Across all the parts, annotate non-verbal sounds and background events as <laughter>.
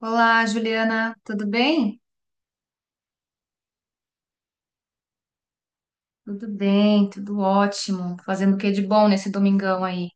Olá, Juliana, tudo bem? Tudo bem, tudo ótimo. Fazendo o que de bom nesse domingão aí?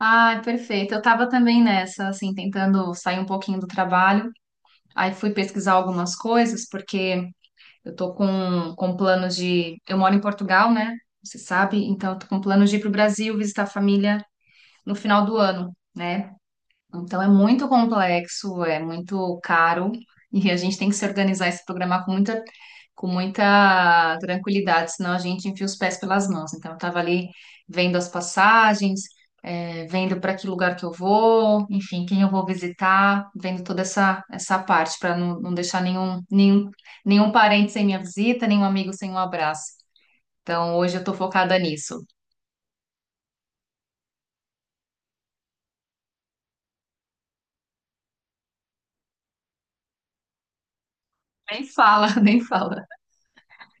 Ah, perfeito. Eu tava também nessa, assim, tentando sair um pouquinho do trabalho. Aí fui pesquisar algumas coisas, porque eu tô com planos de. Eu moro em Portugal, né? Você sabe? Então, eu tô com planos de ir pro Brasil visitar a família no final do ano, né? Então é muito complexo, é muito caro e a gente tem que se organizar e se programar com muita tranquilidade, senão a gente enfia os pés pelas mãos. Então eu estava ali vendo as passagens, vendo para que lugar que eu vou, enfim, quem eu vou visitar, vendo toda essa parte para não deixar nenhum parente sem minha visita, nenhum amigo sem um abraço. Então hoje eu estou focada nisso. Nem fala, <laughs> nem fala.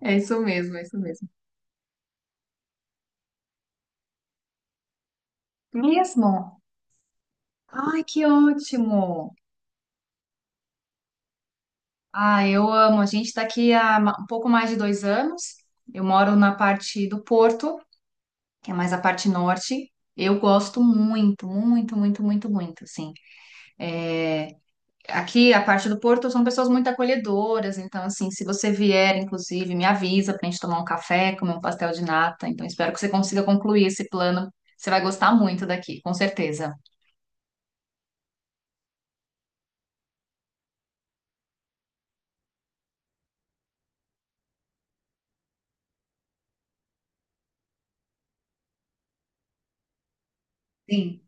É isso mesmo, é isso mesmo. Mesmo. Ai, que ótimo! Ah, eu amo. A gente está aqui há um pouco mais de 2 anos. Eu moro na parte do Porto, que é mais a parte norte. Eu gosto muito, muito, muito, muito, muito, assim. É. Aqui, a parte do Porto, são pessoas muito acolhedoras. Então, assim, se você vier, inclusive, me avisa para a gente tomar um café, comer um pastel de nata. Então, espero que você consiga concluir esse plano. Você vai gostar muito daqui, com certeza. Sim.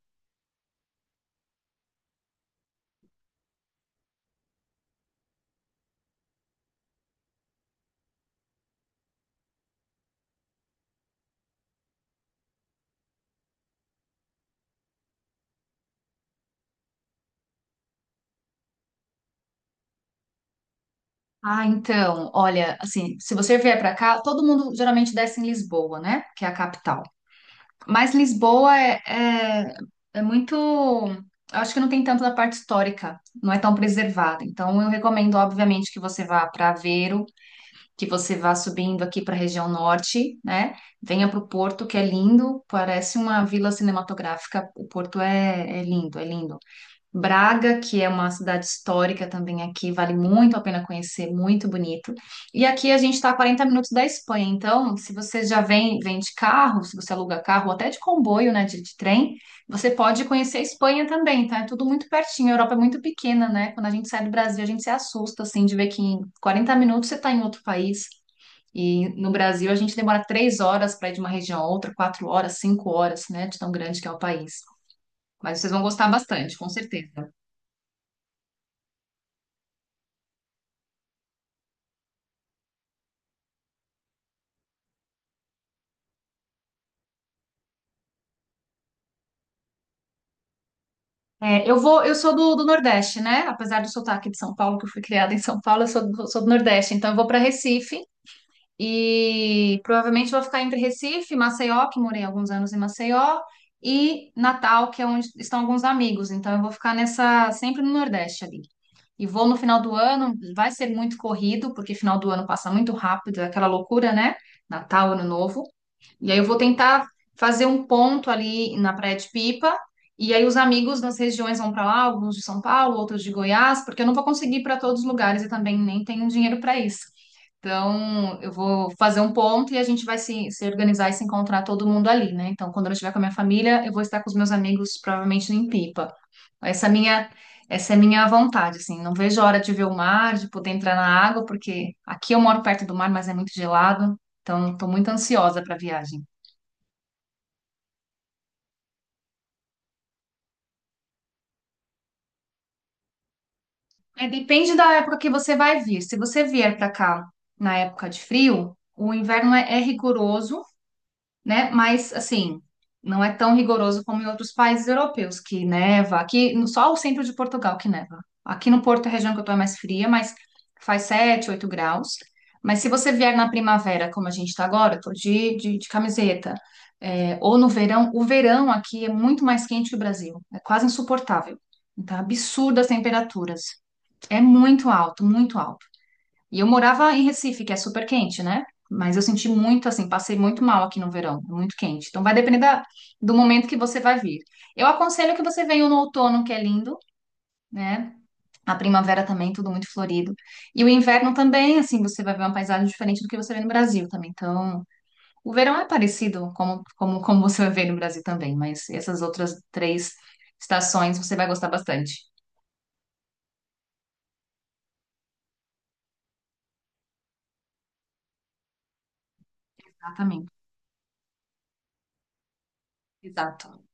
Ah, então, olha, assim, se você vier para cá, todo mundo geralmente desce em Lisboa, né? Que é a capital. Mas Lisboa é muito. Eu acho que não tem tanto da parte histórica, não é tão preservada. Então, eu recomendo, obviamente, que você vá para Aveiro, que você vá subindo aqui para a região norte, né? Venha para o Porto, que é lindo, parece uma vila cinematográfica. O Porto é lindo, é lindo. Braga, que é uma cidade histórica também aqui, vale muito a pena conhecer, muito bonito. E aqui a gente está a 40 minutos da Espanha, então, se você já vem, vem de carro, se você aluga carro, ou até de comboio, né, de trem, você pode conhecer a Espanha também, tá? É tudo muito pertinho, a Europa é muito pequena, né? Quando a gente sai do Brasil, a gente se assusta, assim, de ver que em 40 minutos você está em outro país. E no Brasil, a gente demora 3 horas para ir de uma região a outra, 4 horas, 5 horas, né, de tão grande que é o país. Mas vocês vão gostar bastante, com certeza. É, eu sou do Nordeste, né? Apesar do sotaque de São Paulo, que eu fui criada em São Paulo, eu sou do Nordeste. Então eu vou para Recife e provavelmente vou ficar entre Recife, Maceió, que morei alguns anos em Maceió, e Natal, que é onde estão alguns amigos. Então eu vou ficar nessa sempre no Nordeste ali. E vou no final do ano, vai ser muito corrido, porque final do ano passa muito rápido, é aquela loucura, né? Natal, Ano Novo. E aí eu vou tentar fazer um ponto ali na Praia de Pipa. E aí os amigos das regiões vão para lá, alguns de São Paulo, outros de Goiás, porque eu não vou conseguir ir para todos os lugares e também nem tenho dinheiro para isso. Então, eu vou fazer um ponto e a gente vai se organizar e se encontrar todo mundo ali, né? Então, quando eu estiver com a minha família, eu vou estar com os meus amigos, provavelmente em Pipa. Essa é a minha, essa é a minha vontade, assim. Não vejo a hora de ver o mar, de poder entrar na água, porque aqui eu moro perto do mar, mas é muito gelado. Então, estou muito ansiosa para a viagem. É, depende da época que você vai vir. Se você vier para cá na época de frio, o inverno é rigoroso, né? Mas assim, não é tão rigoroso como em outros países europeus que neva. Aqui, só o centro de Portugal que neva. Aqui no Porto, a região que eu estou é mais fria, mas faz 7 8 graus. Mas se você vier na primavera, como a gente está agora, eu tô de camiseta, ou no verão, o verão aqui é muito mais quente que o Brasil. É quase insuportável. Tá absurdas temperaturas. É muito alto, muito alto. E eu morava em Recife, que é super quente, né? Mas eu senti muito assim, passei muito mal aqui no verão, muito quente. Então vai depender do momento que você vai vir. Eu aconselho que você venha no outono, que é lindo, né? A primavera também, tudo muito florido. E o inverno também, assim, você vai ver uma paisagem diferente do que você vê no Brasil também. Então, o verão é parecido como você vai ver no Brasil também, mas essas outras três estações você vai gostar bastante. Exatamente. Exato.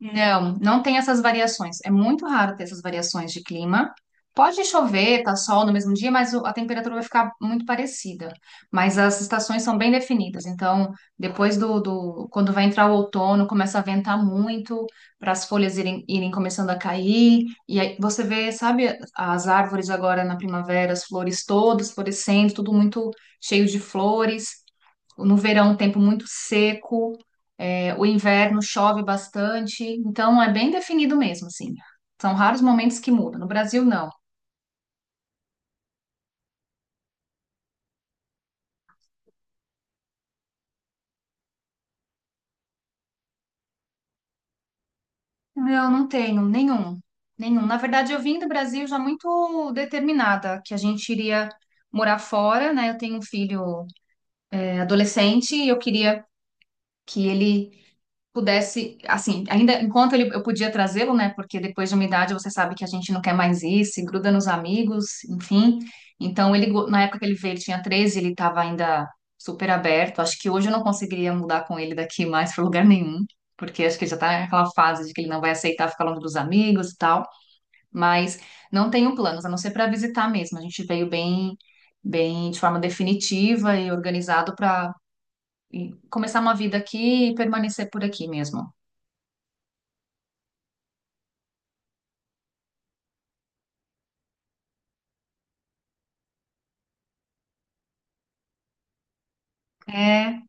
Não, não tem essas variações. É muito raro ter essas variações de clima. Pode chover, tá sol no mesmo dia, mas a temperatura vai ficar muito parecida. Mas as estações são bem definidas. Então, depois quando vai entrar o outono, começa a ventar muito para as folhas irem começando a cair. E aí você vê, sabe, as árvores agora na primavera, as flores todas florescendo, tudo muito cheio de flores. No verão, um tempo muito seco, o inverno chove bastante, então é bem definido mesmo, assim. São raros momentos que mudam. No Brasil, não. Não, não tenho nenhum, nenhum. Na verdade, eu vim do Brasil já muito determinada que a gente iria morar fora, né? Eu tenho um filho, adolescente, e eu queria que ele pudesse, assim, ainda enquanto ele, eu podia trazê-lo, né? Porque depois de uma idade você sabe que a gente não quer mais ir, se gruda nos amigos, enfim. Então ele na época que ele veio, ele tinha 13. Ele estava ainda super aberto. Acho que hoje eu não conseguiria mudar com ele daqui mais para lugar nenhum, porque acho que ele já está naquela fase de que ele não vai aceitar ficar longe dos amigos e tal. Mas não tenho planos, a não ser para visitar mesmo. A gente veio bem de forma definitiva e organizado para começar uma vida aqui e permanecer por aqui mesmo. É,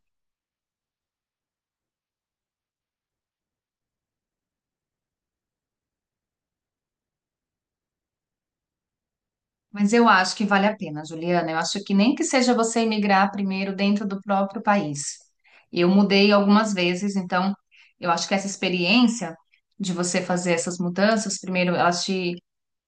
mas eu acho que vale a pena, Juliana. Eu acho que nem que seja você emigrar primeiro dentro do próprio país. Eu mudei algumas vezes, então eu acho que essa experiência de você fazer essas mudanças, primeiro elas te,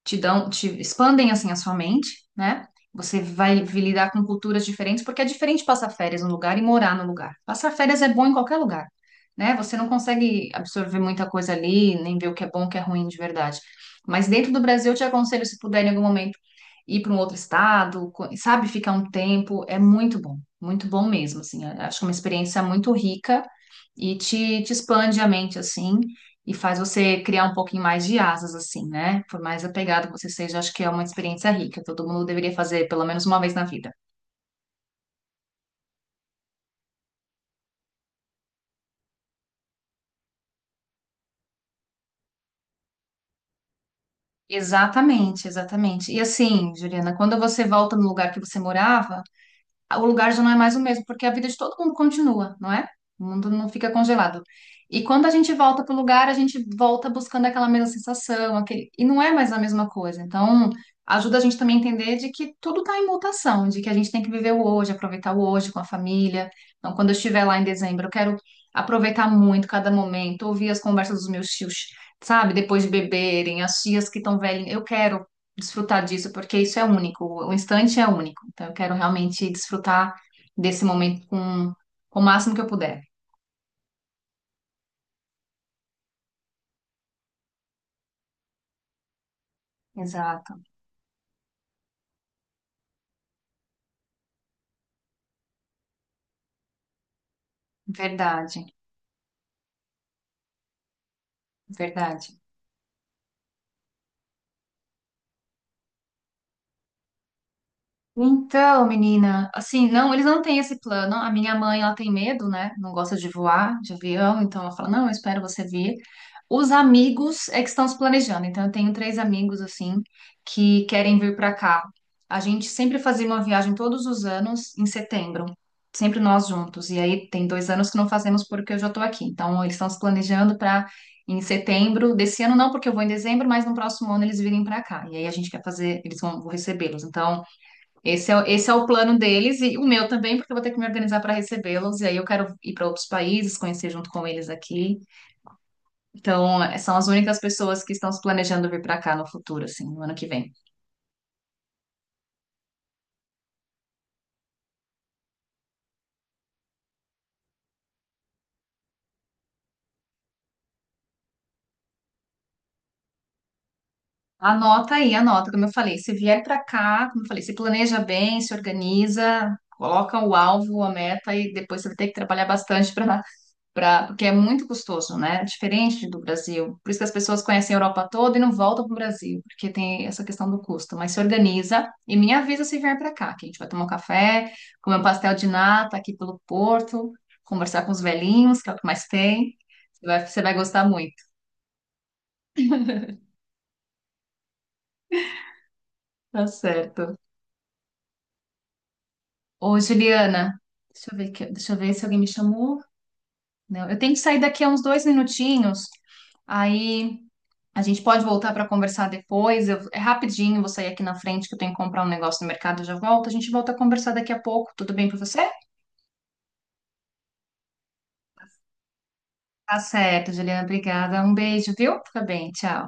te dão, te expandem assim a sua mente, né? Você vai lidar com culturas diferentes, porque é diferente passar férias num lugar e morar no lugar. Passar férias é bom em qualquer lugar, né? Você não consegue absorver muita coisa ali, nem ver o que é bom, o que é ruim de verdade. Mas dentro do Brasil, eu te aconselho, se puder, em algum momento ir para um outro estado, sabe, ficar um tempo, é muito bom mesmo, assim, eu acho uma experiência muito rica e te expande a mente, assim, e faz você criar um pouquinho mais de asas, assim, né? Por mais apegado que você seja, acho que é uma experiência rica, todo mundo deveria fazer pelo menos uma vez na vida. Exatamente, exatamente. E assim, Juliana, quando você volta no lugar que você morava, o lugar já não é mais o mesmo, porque a vida de todo mundo continua, não é? O mundo não fica congelado. E quando a gente volta para o lugar, a gente volta buscando aquela mesma sensação, aquele, e não é mais a mesma coisa. Então, ajuda a gente também a entender de que tudo está em mutação, de que a gente tem que viver o hoje, aproveitar o hoje com a família. Então, quando eu estiver lá em dezembro, eu quero aproveitar muito cada momento, ouvir as conversas dos meus tios, sabe? Depois de beberem, as tias que estão velhinhas, eu quero desfrutar disso, porque isso é único, o instante é único. Então, eu quero realmente desfrutar desse momento com o máximo que eu puder. Exato, verdade, verdade. Então, menina, assim, não, eles não têm esse plano. A minha mãe, ela tem medo, né? Não gosta de voar de avião, então ela fala: "Não, eu espero você vir". Os amigos é que estão se planejando. Então, eu tenho três amigos assim que querem vir para cá. A gente sempre fazia uma viagem todos os anos em setembro, sempre nós juntos. E aí tem 2 anos que não fazemos porque eu já estou aqui. Então, eles estão se planejando para em setembro desse ano não, porque eu vou em dezembro, mas no próximo ano eles virem para cá. E aí a gente quer fazer, eles vão vou recebê-los. Então esse é o plano deles e o meu também, porque eu vou ter que me organizar para recebê-los. E aí eu quero ir para outros países, conhecer junto com eles aqui. Então, são as únicas pessoas que estão se planejando vir para cá no futuro, assim, no ano que vem. Anota aí, anota, como eu falei. Se vier para cá, como eu falei, se planeja bem, se organiza, coloca o alvo, a meta e depois você vai ter que trabalhar bastante para Pra, porque é muito custoso, né? Diferente do Brasil. Por isso que as pessoas conhecem a Europa toda e não voltam para o Brasil, porque tem essa questão do custo. Mas se organiza e me avisa se vier para cá, que a gente vai tomar um café, comer um pastel de nata aqui pelo Porto, conversar com os velhinhos, que é o que mais tem. Você vai gostar muito. Tá certo. Ô, Juliana, deixa eu ver, se alguém me chamou. Não, eu tenho que sair daqui a uns 2 minutinhos. Aí. A gente pode voltar para conversar depois. É rapidinho, vou sair aqui na frente que eu tenho que comprar um negócio no mercado, eu já volto. A gente volta a conversar daqui a pouco. Tudo bem para você? Tá certo, Juliana. Obrigada. Um beijo, viu? Fica bem. Tchau.